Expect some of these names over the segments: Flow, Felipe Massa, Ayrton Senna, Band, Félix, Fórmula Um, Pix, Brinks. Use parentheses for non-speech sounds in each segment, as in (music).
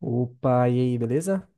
Opa, e aí, beleza?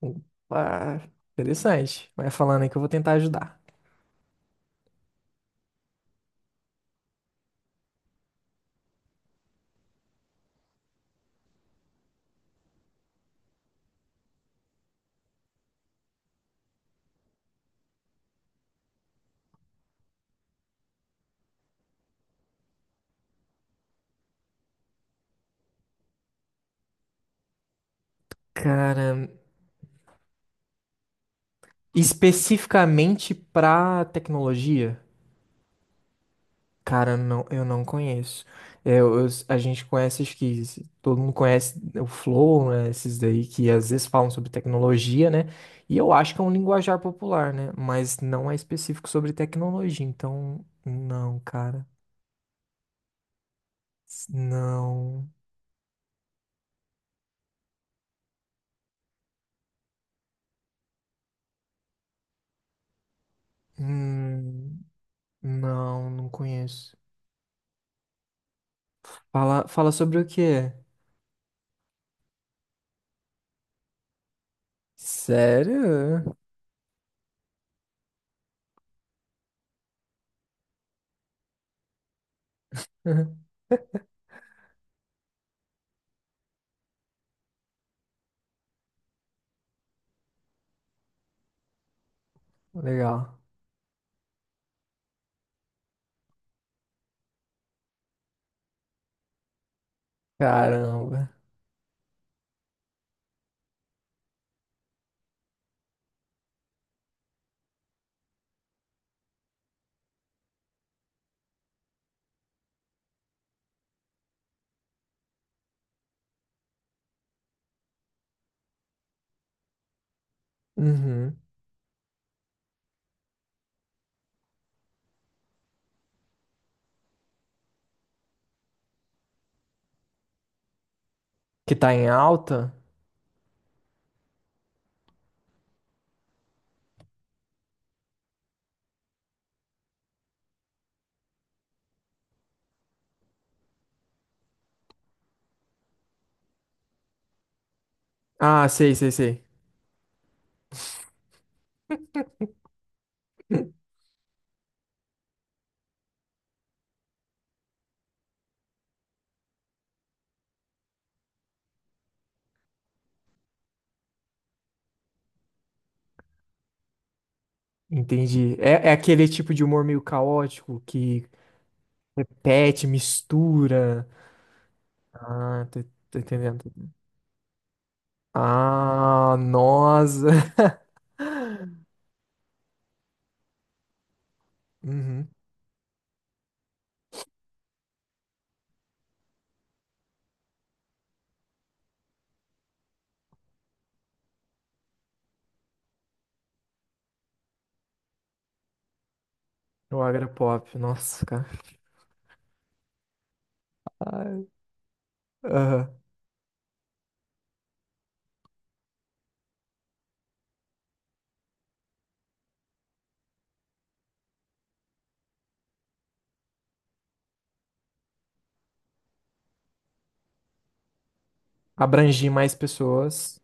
Opa, interessante. Vai falando aí que eu vou tentar ajudar. Cara, especificamente pra tecnologia, cara, não, eu não conheço. É, a gente conhece, acho que todo mundo conhece o Flow, né? Esses daí que às vezes falam sobre tecnologia, né? E eu acho que é um linguajar popular, né? Mas não é específico sobre tecnologia, então, não, cara. Não. Hum, não, não conheço. Fala sobre o quê? Sério? (laughs) Legal. Caramba. Uhum. Que tá em alta? Ah, sei, sei, sei. Entendi. É, é aquele tipo de humor meio caótico que repete, mistura. Ah, tô, tô entendendo. Ah, nossa. (laughs) Uhum. O agropop, nossa, cara. Ai, aham. Abrangir mais pessoas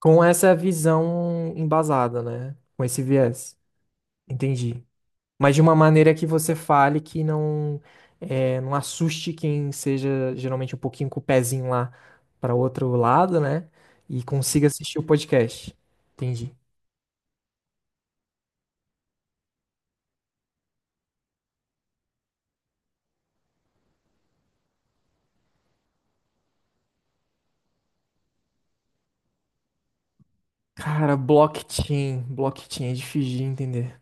com essa visão embasada, né? Com esse viés. Entendi. Mas de uma maneira que você fale que não assuste quem seja geralmente um pouquinho com o pezinho lá para outro lado, né? E consiga assistir o podcast. Entendi. Cara, blockchain, blockchain é difícil de entender.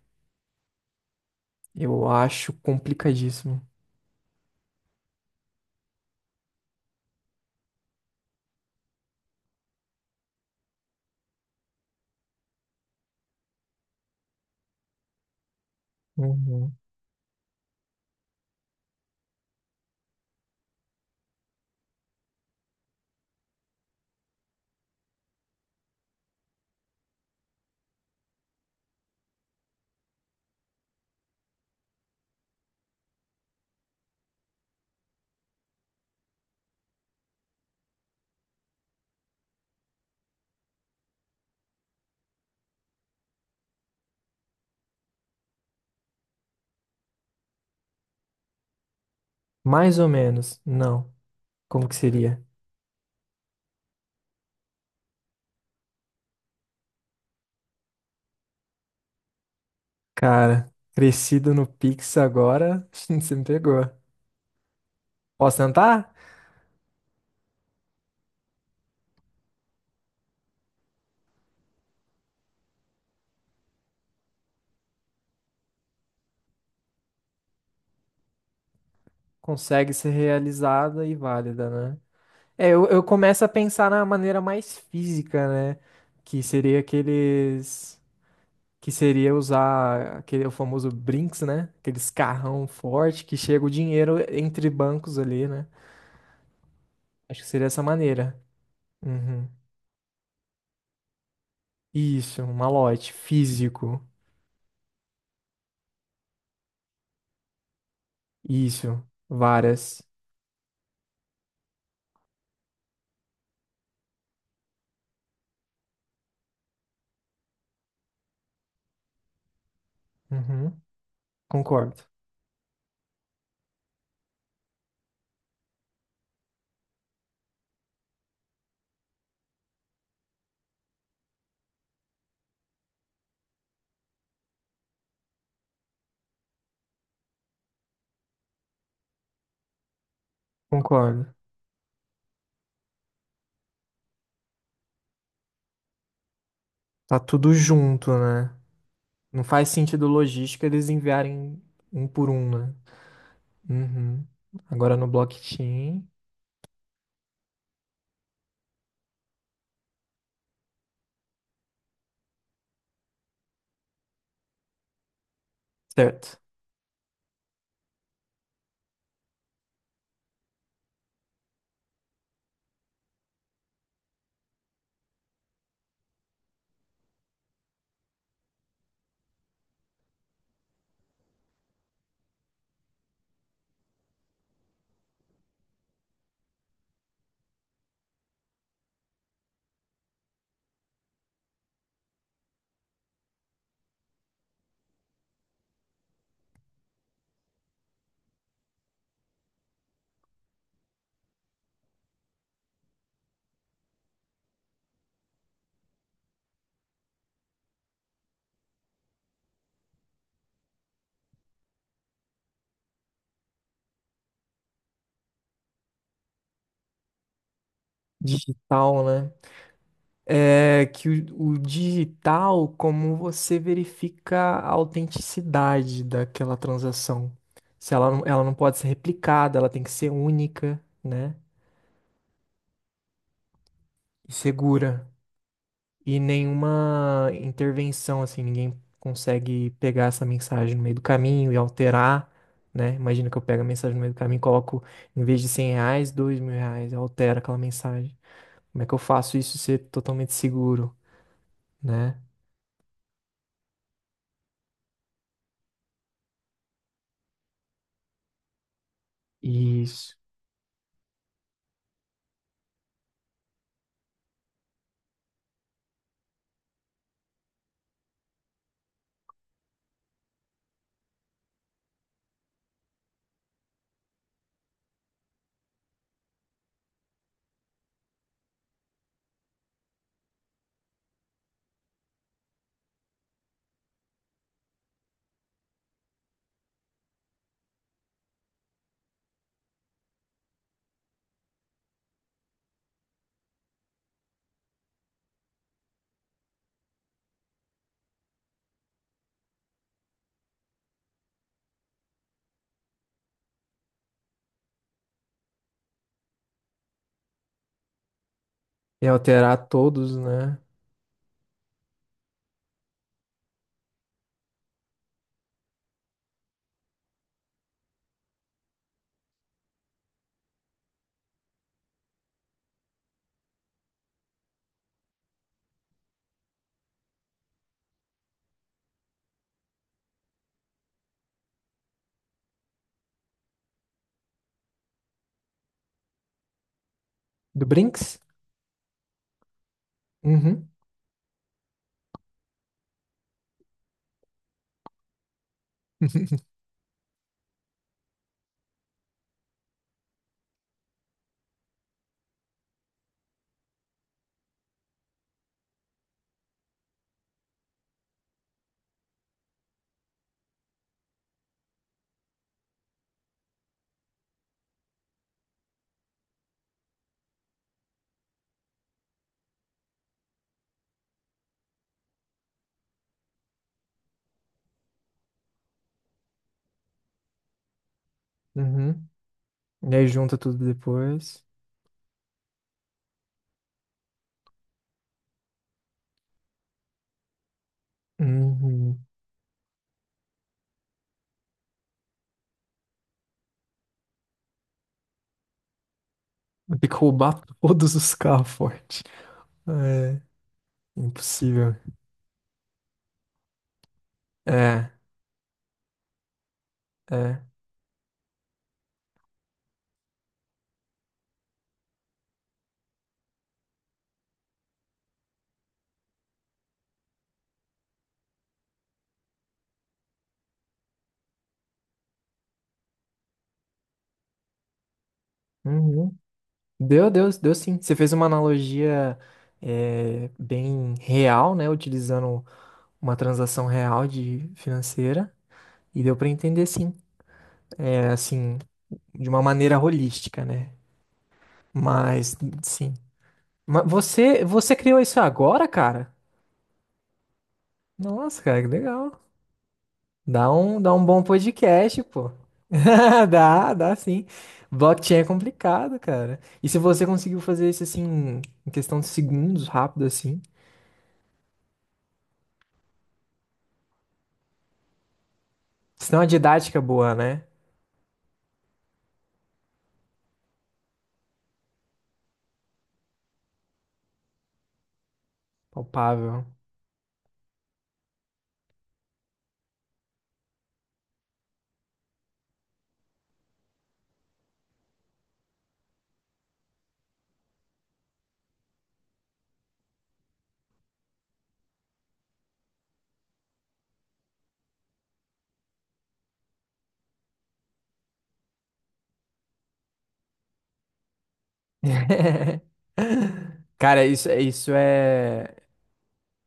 Eu acho complicadíssimo. Uhum. Mais ou menos. Não. Como que seria? Cara, crescido no Pix agora, (laughs) você me pegou. Posso tentar? Consegue ser realizada e válida, né? É, eu começo a pensar na maneira mais física, né? Que seria aqueles. Que seria usar aquele o famoso Brinks, né? Aqueles carrão forte que chega o dinheiro entre bancos ali, né? Acho que seria essa maneira. Uhum. Isso, um malote físico. Isso, várias. Uhum. Concordo, concordo. Tá tudo junto, né? Não faz sentido logística eles enviarem um por um, né? Uhum. Agora no blockchain. Certo. Digital, né? É que o digital, como você verifica a autenticidade daquela transação. Se ela, ela não pode ser replicada, ela tem que ser única, né? E segura. E nenhuma intervenção, assim, ninguém consegue pegar essa mensagem no meio do caminho e alterar, né? Imagina que eu pego a mensagem no meio do caminho e coloco, em vez de R$ 100, R$ 2.000, eu altero aquela mensagem. Como é que eu faço isso ser totalmente seguro? Né? Isso. E alterar todos, né? Do Brinks? Uhum. (laughs) Uhum. E aí junta tudo depois. Uhum. Tem que roubar (laughs) todos os carros forte. É, impossível. É, é. Uhum. Deu sim. Você fez uma analogia bem real, né? Utilizando uma transação real de financeira. E deu pra entender sim. É, assim, de uma maneira holística, né? Mas, sim. Mas você criou isso agora, cara? Nossa, cara, que legal. Dá dá um bom podcast, pô. (laughs) Dá sim. Blockchain é complicado, cara. E se você conseguiu fazer isso assim, em questão de segundos, rápido assim. Isso é uma didática boa, né? Palpável. (laughs) Cara, isso é.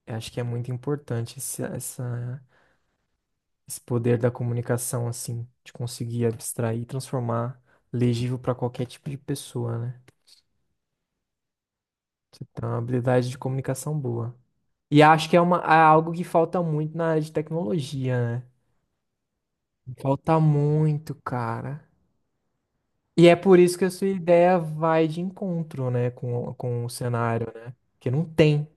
Eu acho que é muito importante essa esse poder da comunicação, assim, de conseguir abstrair e transformar legível para qualquer tipo de pessoa, né? Você tem uma habilidade de comunicação boa. E acho que é uma, é algo que falta muito na área de tecnologia, né? Falta muito, cara. E é por isso que a sua ideia vai de encontro, né, com o cenário, né? Porque não tem.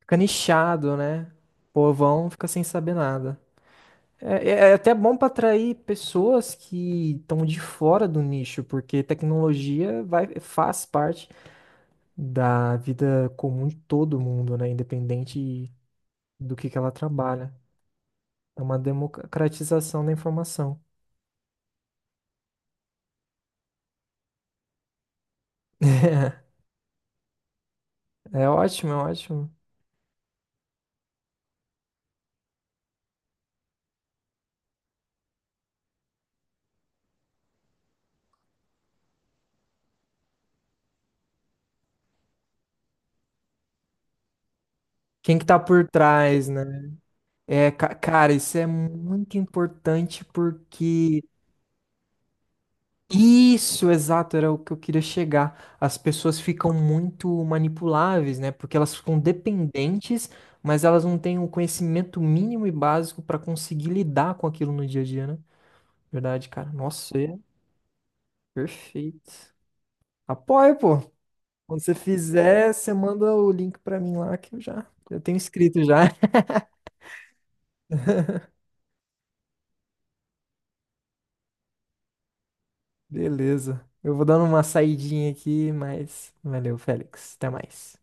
Fica nichado, né? O povão fica sem saber nada. É até bom para atrair pessoas que estão de fora do nicho, porque tecnologia vai, faz parte da vida comum de todo mundo, né? Independente do que ela trabalha. É uma democratização da informação. (laughs) É ótimo, é ótimo. Quem que tá por trás, né? É, cara, isso é muito importante porque isso, exato, era o que eu queria chegar. As pessoas ficam muito manipuláveis, né? Porque elas ficam dependentes, mas elas não têm o conhecimento mínimo e básico para conseguir lidar com aquilo no dia a dia, né? Verdade, cara. Nossa, é perfeito. Apoio, pô. Quando você fizer, você manda o link para mim lá que eu já eu tenho inscrito já. (laughs) Beleza. Eu vou dando uma saidinha aqui, mas valeu, Félix. Até mais.